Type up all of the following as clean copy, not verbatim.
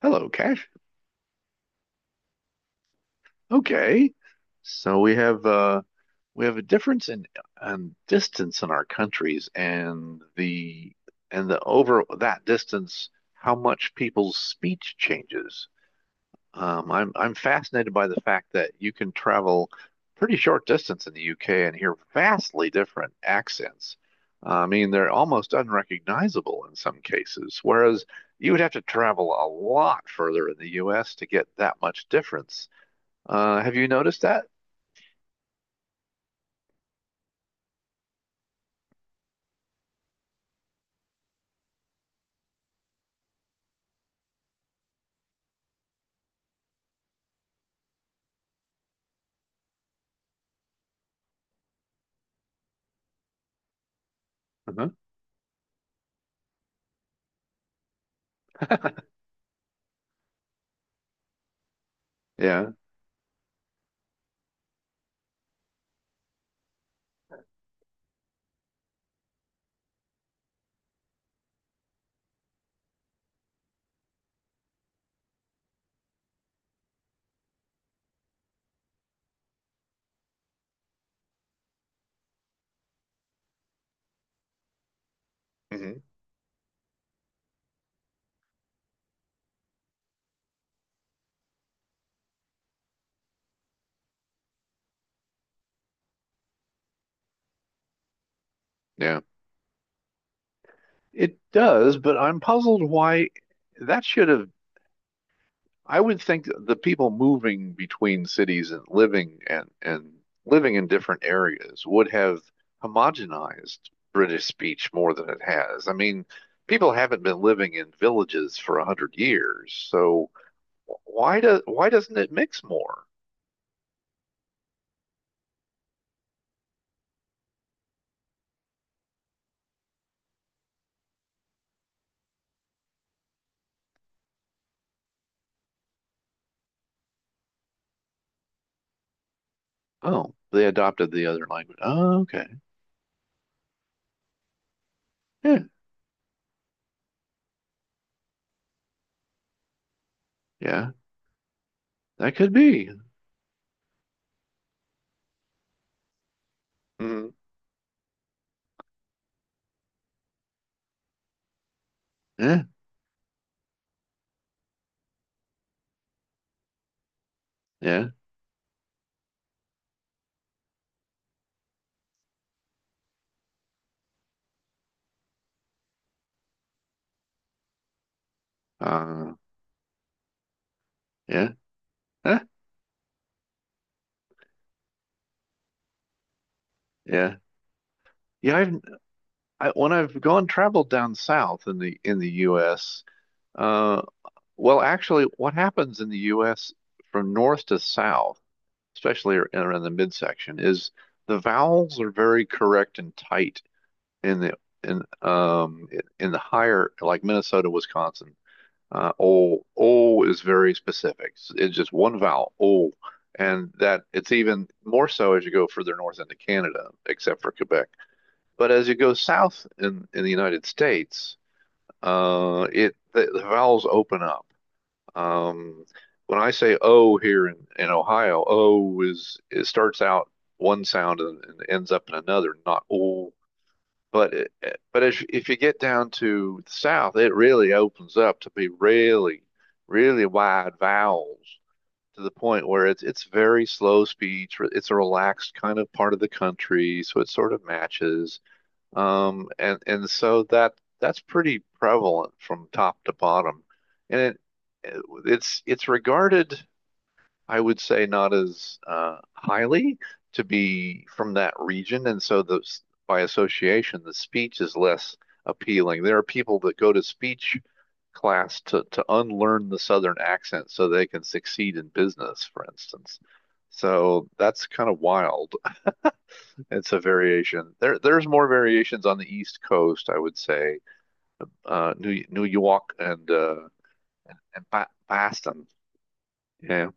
Hello, Cash. Okay. So we have a difference in on distance in our countries and the over that distance, how much people's speech changes. I'm fascinated by the fact that you can travel pretty short distance in the UK and hear vastly different accents. I mean, they're almost unrecognizable in some cases, whereas you would have to travel a lot further in the US to get that much difference. Have you noticed that? Uh-huh. Yeah. Hmm. Yeah. It does, but I'm puzzled why that should have I would think that the people moving between cities and living and living in different areas would have homogenized British speech more than it has. I mean, people haven't been living in villages for a hundred years, so why doesn't it mix more? Oh, they adopted the other language. Oh, okay. Yeah, yeah, that could be. Mm, yeah, yeah, uh, yeah, eh, yeah, yeah. I, when I've gone traveled down south in the U.S. Uh, well, actually, what happens in the U.S. from north to south, especially around the midsection, is the vowels are very correct and tight in the in the higher like Minnesota, Wisconsin. O o is very specific. It's just one vowel, o, and that it's even more so as you go further north into Canada, except for Quebec. But as you go south in the United States, it the vowels open up. Um, when I say O here in Ohio, O is it starts out one sound and ends up in another, not O. But but if you get down to the south, it really opens up to be really, really wide vowels to the point where it's very slow speech. It's a relaxed kind of part of the country, so it sort of matches. And so that's pretty prevalent from top to bottom, and it's regarded, I would say, not as highly to be from that region, and so the by association, the speech is less appealing. There are people that go to speech class to unlearn the Southern accent so they can succeed in business, for instance. So that's kind of wild. It's a variation. There, there's more variations on the East Coast, I would say. New New York and ba Boston. Yeah.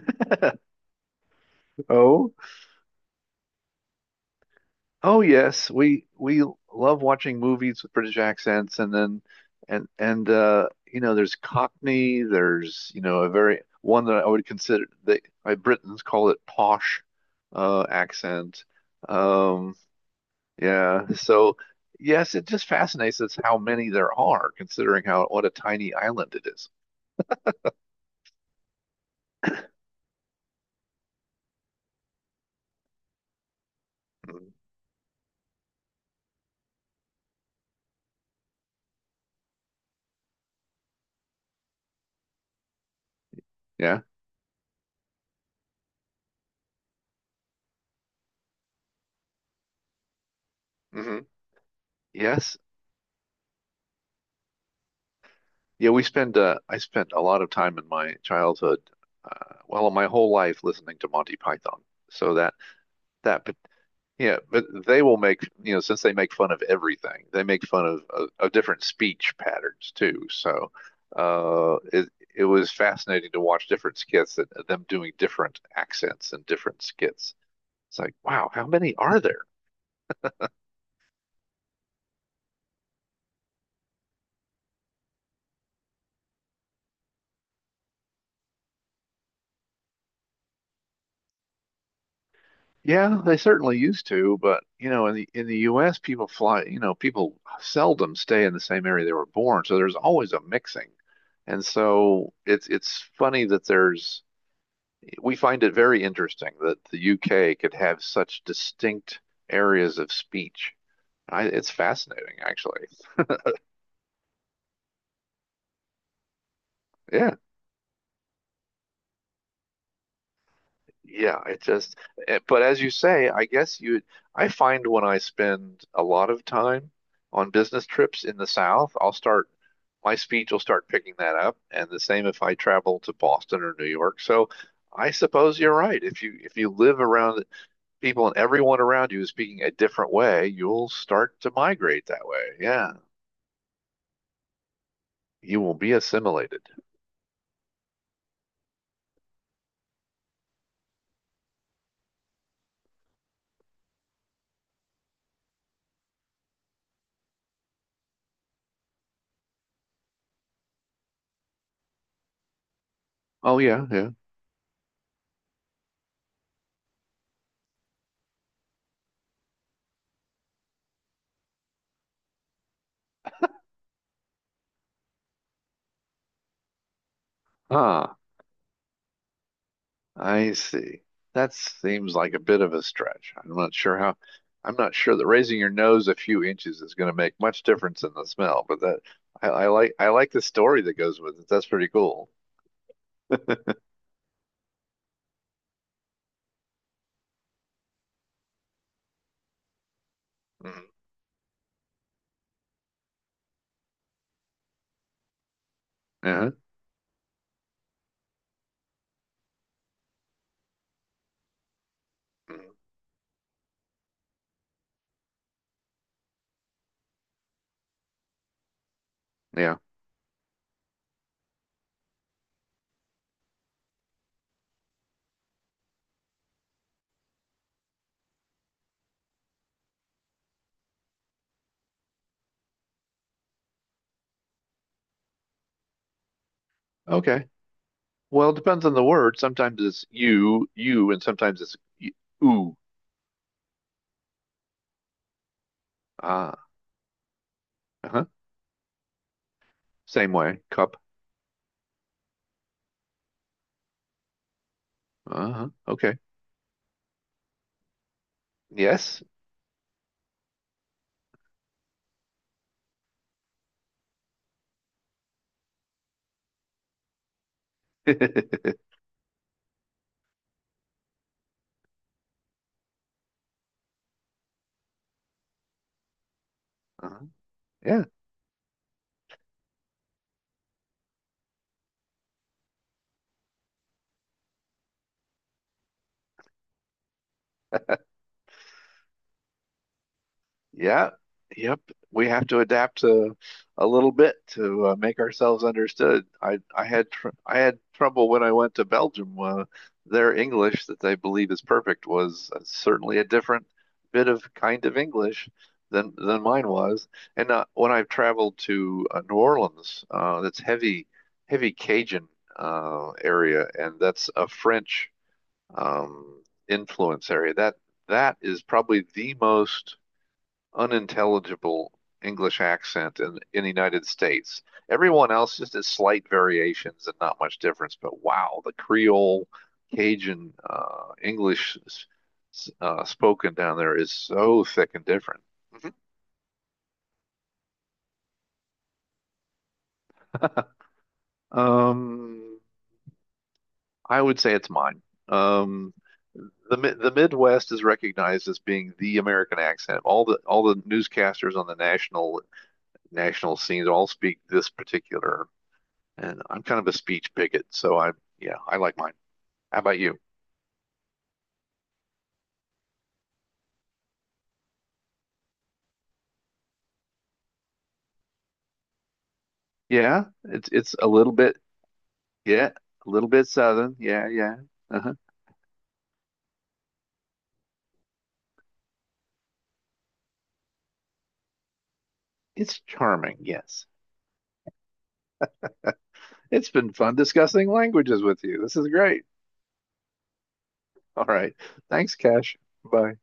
Oh, oh yes, we love watching movies with British accents, and then and you know, there's Cockney. There's you know a very one that I would consider they my Britons call it posh accent. Um, Yeah. So, yes, it just fascinates us how many there are, considering how what a tiny island it is. Mhm. Yeah. Hmm. Yes. Yeah, we spend I spent a lot of time in my childhood, my whole life listening to Monty Python. So that that but yeah, but they will make, you know, since they make fun of everything, they make fun of of different speech patterns too. So, uh it it was fascinating to watch different skits that them doing different accents and different skits. It's like, wow, how many are there? Yeah, they certainly used to, but you know, in the U.S., people fly, you know, people seldom stay in the same area they were born, so there's always a mixing. And so it's funny that there's we find it very interesting that the UK could have such distinct areas of speech. It's fascinating, actually. Yeah. Yeah, it just, but as you say, I find when I spend a lot of time on business trips in the South, my speech will start picking that up. And the same if I travel to Boston or New York. So I suppose you're right. If you live around people and everyone around you is speaking a different way, you'll start to migrate that way. Yeah. You will be assimilated. Oh, yeah. Yeah. Huh. I see. That seems like a bit of a stretch. I'm not sure that raising your nose a few inches is going to make much difference in the smell, but that I like the story that goes with it. That's pretty cool. Hmm. Yeah. Mhm. Yeah. Okay. Well, it depends on the word. Sometimes it's you, you, and sometimes it's ooh. Ah. Uh-huh. Same way. Cup. Uh-huh. Okay. Yes. Uh-huh. Yeah. Yeah, yep. We have to adapt to a little bit to make ourselves understood. I had trouble when I went to Belgium. Their English that they believe is perfect was certainly a different bit of kind of English than mine was. And when I've traveled to New Orleans, that's heavy heavy Cajun area, and that's a French um, influence area. That is probably the most unintelligible English accent in the United States. Everyone else just has slight variations and not much difference. But wow, the Creole, Cajun, English spoken down there is so thick and different. Um, I would say it's mine. Um, the Midwest is recognized as being the American accent. All the newscasters on the national national scenes all speak this particular. And I'm kind of a speech bigot, so I am yeah, I like mine. How about you? Yeah, it's it's a little bit yeah, a little bit southern. Yeah, yeah. Uh-huh. It's charming, yes. It's been fun discussing languages with you. This is great. All right. Thanks, Cash. Bye.